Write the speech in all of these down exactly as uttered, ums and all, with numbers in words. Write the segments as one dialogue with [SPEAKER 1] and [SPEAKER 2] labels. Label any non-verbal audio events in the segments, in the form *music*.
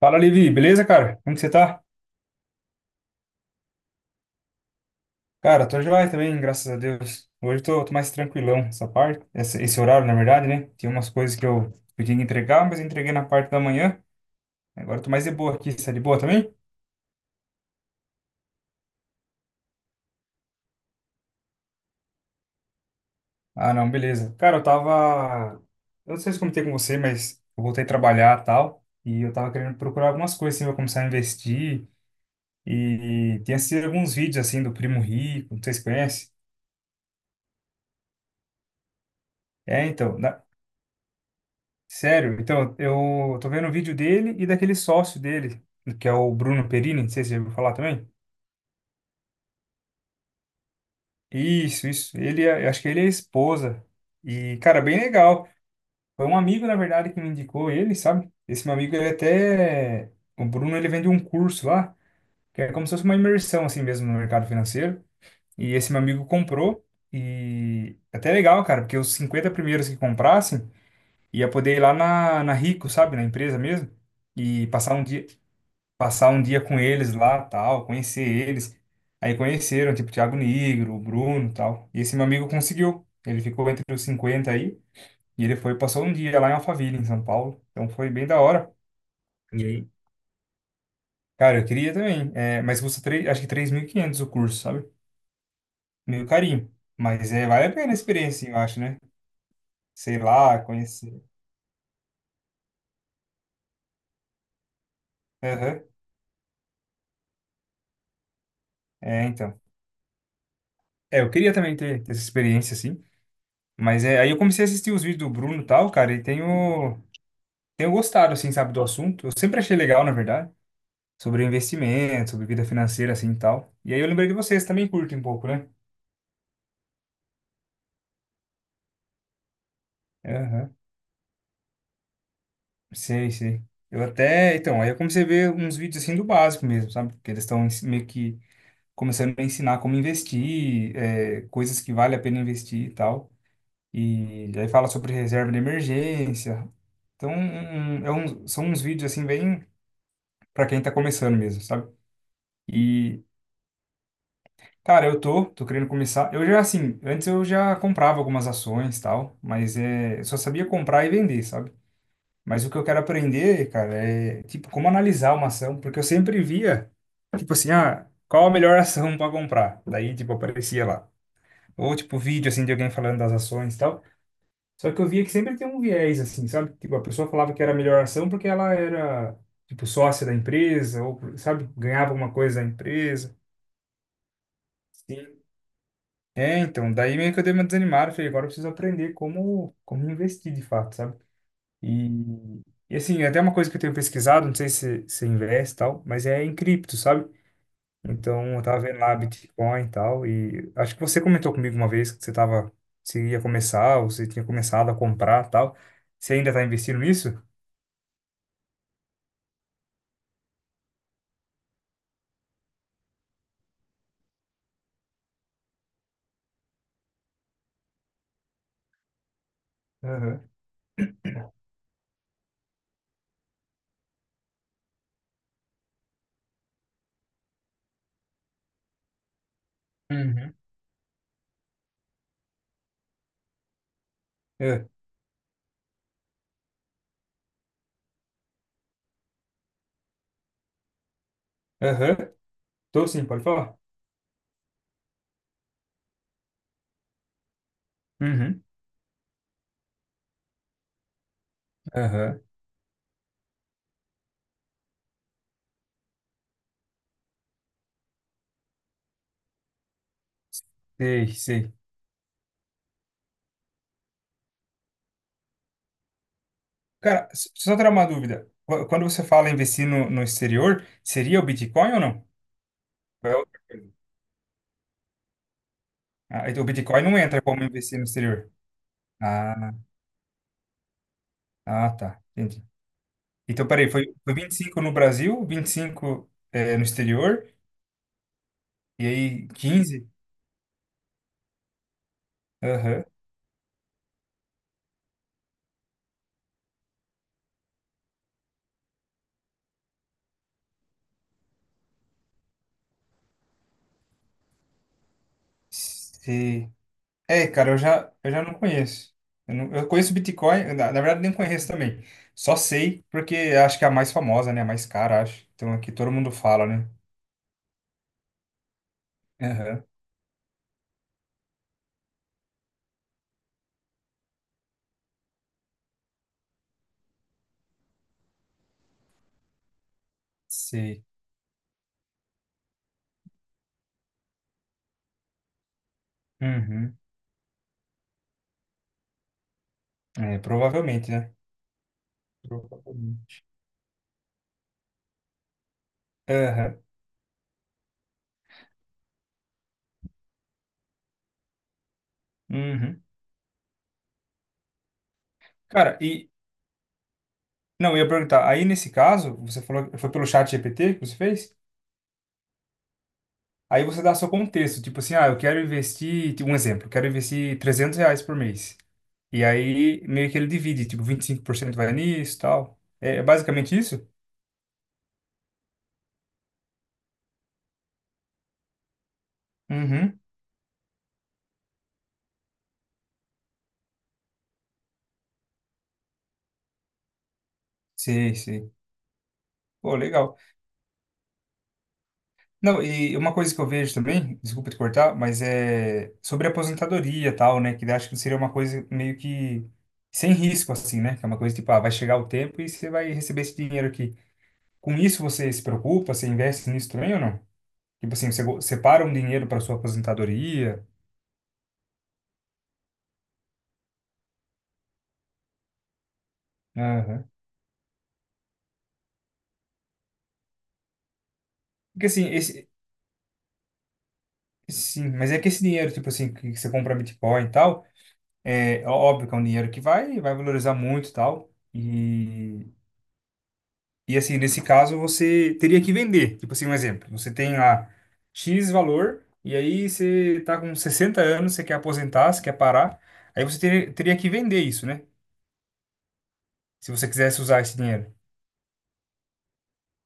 [SPEAKER 1] Fala, Levi, beleza, cara? Como que você tá? Cara, tô joia também, graças a Deus. Hoje eu tô, tô mais tranquilão, essa parte, essa- esse horário, na verdade, né? Tinha umas coisas que eu podia entregar, mas eu entreguei na parte da manhã. Agora eu tô mais de boa aqui. Você é de boa também? Ah, não, beleza. Cara, eu tava. Eu não sei se eu comentei com você, mas eu voltei a trabalhar e tal. E eu tava querendo procurar algumas coisas, assim, pra começar a investir. E tinha assistido alguns vídeos, assim, do Primo Rico, não sei se conhece. É, então. Sério? Então, eu tô vendo o vídeo dele e daquele sócio dele, que é o Bruno Perini, não sei se você já ouviu falar também. Isso, isso. Ele, é- eu acho que ele é a esposa. E, cara, bem legal. Foi um amigo, na verdade, que me indicou ele, sabe? Esse meu amigo, ele até... O Bruno, ele vende um curso lá, que é como se fosse uma imersão, assim mesmo, no mercado financeiro. E esse meu amigo comprou. E até legal, cara, porque os cinquenta primeiros que comprassem, ia poder ir lá na, na Rico, sabe? Na empresa mesmo e passar um dia, passar um dia com eles lá, tal, conhecer eles. Aí conheceram, tipo, Thiago Nigro, o Bruno, tal. E esse meu amigo conseguiu. Ele ficou entre os cinquenta aí, e ele foi, passou um dia lá em Alphaville, em São Paulo. Então foi bem da hora. E aí? Cara, eu queria também, é, mas custa três acho que três mil e quinhentos o curso, sabe? Meio carinho. Mas é, vale a pena a experiência, assim, eu acho, né? Sei lá, conhecer. Aham. É, então. É, eu queria também ter, ter essa experiência, assim. Mas é, aí eu comecei a assistir os vídeos do Bruno e tal, cara, e tenho. tenho gostado, assim, sabe, do assunto. Eu sempre achei legal, na verdade, sobre investimento, sobre vida financeira, assim, e tal. E aí eu lembrei de vocês, também curtem um pouco, né? Aham. Sei, sei. Eu até, então, aí eu comecei a ver uns vídeos, assim, do básico mesmo, sabe? Porque eles estão meio que começando a ensinar como investir, é, coisas que vale a pena investir e tal. E aí fala sobre reserva de emergência. Então, um- um- é um- são uns vídeos, assim, bem para quem tá começando mesmo, sabe? E cara, eu tô, tô querendo começar. Eu já, assim, antes eu já comprava algumas ações e tal, mas é, eu só sabia comprar e vender, sabe? Mas o que eu quero aprender, cara, é, tipo, como analisar uma ação, porque eu sempre via, tipo assim, ah, qual a melhor *laughs* ação para comprar? Daí, tipo, aparecia lá. Ou, tipo, vídeo, assim, de alguém falando das ações e tal. Só que eu via que sempre tem um viés, assim, sabe? Tipo, a pessoa falava que era a melhor ação porque ela era, tipo, sócia da empresa, ou, sabe? Ganhava alguma coisa da empresa. É, então, daí meio que eu dei uma desanimada, falei, agora eu preciso aprender como, como investir de fato, sabe? E, e assim, é até uma coisa que eu tenho pesquisado, não sei se se investe e tal, mas é em cripto, sabe? Então, eu tava vendo lá Bitcoin e tal, e acho que você comentou comigo uma vez que você tava, se ia começar, ou você tinha começado a comprar e tal. Você ainda tá investindo nisso? Aham. Uhum. É. Aham. Tô sim, pode falar. Uhum. Aham. Sei, sei. Cara, s- só tirar uma dúvida. Qu- Quando você fala investir no, no exterior, seria o Bitcoin ou não? Ou é outra coisa. Ah, então o Bitcoin não entra como investir no exterior. Ah, ah, tá. Entendi. Então, peraí, foi, foi vinte e cinco no Brasil, vinte e cinco eh, no exterior, e aí quinze? Aham. Se... É, cara, eu já, eu já não conheço. Eu, não- eu conheço Bitcoin, na, na verdade nem conheço também. Só sei porque acho que é a mais famosa, né? A mais cara, acho. Então aqui todo mundo fala, né? Aham. Sei. Uhum. É, provavelmente, né? Provavelmente. Aham. Uhum. Cara, e. Não, eu ia perguntar. Aí, nesse caso, você falou que foi pelo chat G P T que você fez? Aí você dá seu contexto. Tipo assim, ah, eu quero investir. Tipo, um exemplo, eu quero investir trezentos reais por mês. E aí, meio que ele divide. Tipo, vinte e cinco por cento vai nisso e tal. É, é basicamente isso? Uhum. Sim, sim. Pô, legal. Não, e uma coisa que eu vejo também, desculpa te cortar, mas é sobre aposentadoria e tal, né? Que acho que seria uma coisa meio que sem risco, assim, né? Que é uma coisa tipo, ah, vai chegar o tempo e você vai receber esse dinheiro aqui. Com isso você se preocupa, você investe nisso também ou não? Tipo assim, você go- separa um dinheiro para sua aposentadoria. Aham. Porque assim, esse, sim, mas é que esse dinheiro, tipo assim, que você compra Bitcoin e tal, é óbvio que é um dinheiro que vai, vai valorizar muito e tal. E e assim, nesse caso, você teria que vender. Tipo assim, um exemplo. Você tem lá X valor, e aí você tá com sessenta anos, você quer aposentar, você quer parar. Aí você ter- teria que vender isso, né? Se você quisesse usar esse dinheiro.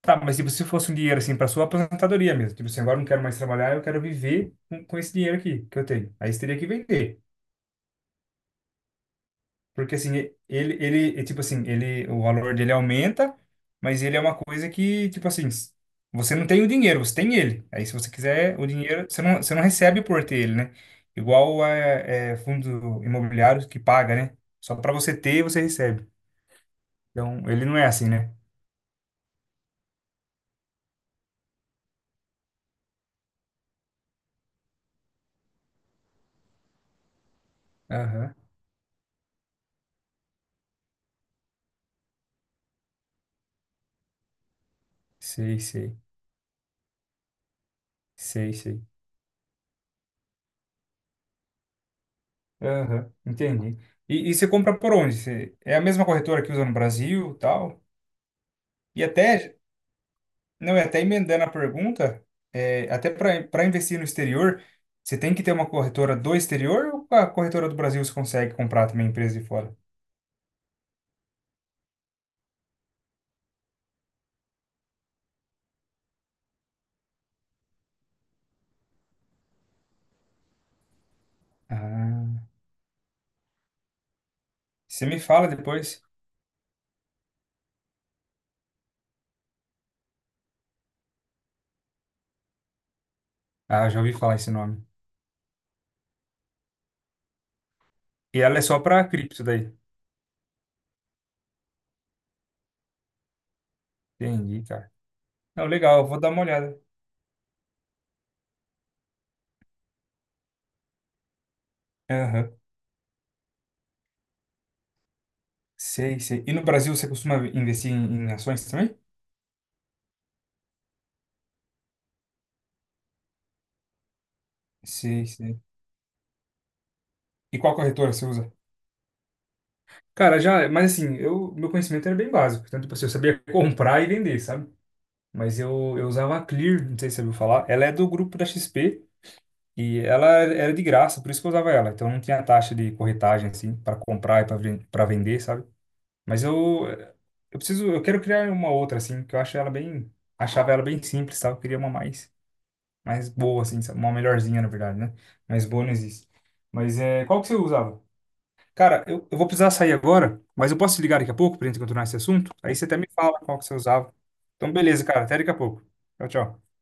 [SPEAKER 1] Tá, mas tipo, se fosse um dinheiro assim para sua aposentadoria mesmo. Tipo assim, agora eu não quero mais trabalhar, eu quero viver com, com esse dinheiro aqui que eu tenho. Aí você teria que vender. Porque assim, ele, ele, é tipo assim, ele, o valor dele aumenta, mas ele é uma coisa que, tipo assim, s- você não tem o dinheiro, você tem ele. Aí se você quiser o dinheiro, você não, você não recebe por ter ele, né? Igual é, é fundo imobiliário que paga, né? Só para você ter, você recebe. Então, ele não é assim, né? Aham. Sei, sei. Sei, sei. Aham. Entendi. E, e você compra por onde? Você- é a mesma corretora que usa no Brasil, tal? E até não, e até emendando a pergunta, é, até para para investir no exterior, você tem que ter uma corretora do exterior ou a corretora do Brasil você consegue comprar também empresa de fora? Ah, você me fala depois. Ah, já ouvi falar esse nome. E ela é só para cripto daí. Entendi, cara. Não, legal, eu vou dar uma olhada. Aham. Sei, sei. E no Brasil você costuma investir em, em ações também? Sei, sei. E qual corretora você usa? Cara, já, mas assim, eu, meu conhecimento era bem básico. Tanto, tipo assim, eu sabia *laughs* comprar e vender, sabe? Mas eu, eu usava a Clear, não sei se você ouviu falar. Ela é do grupo da X P e ela era de graça, por isso que eu usava ela. Então não tinha taxa de corretagem assim para comprar e para ven para vender, sabe? Mas eu eu preciso, eu quero criar uma outra assim, que eu acho ela bem, achava ela bem simples, sabe? Eu queria uma mais mais boa assim, sabe? Uma melhorzinha na verdade, né? Mais boa não existe. Mas é, qual que você usava? Cara, eu, eu vou precisar sair agora, mas eu posso te ligar daqui a pouco pra gente continuar esse assunto? Aí você até me fala qual que você usava. Então, beleza, cara. Até daqui a pouco. Tchau, tchau.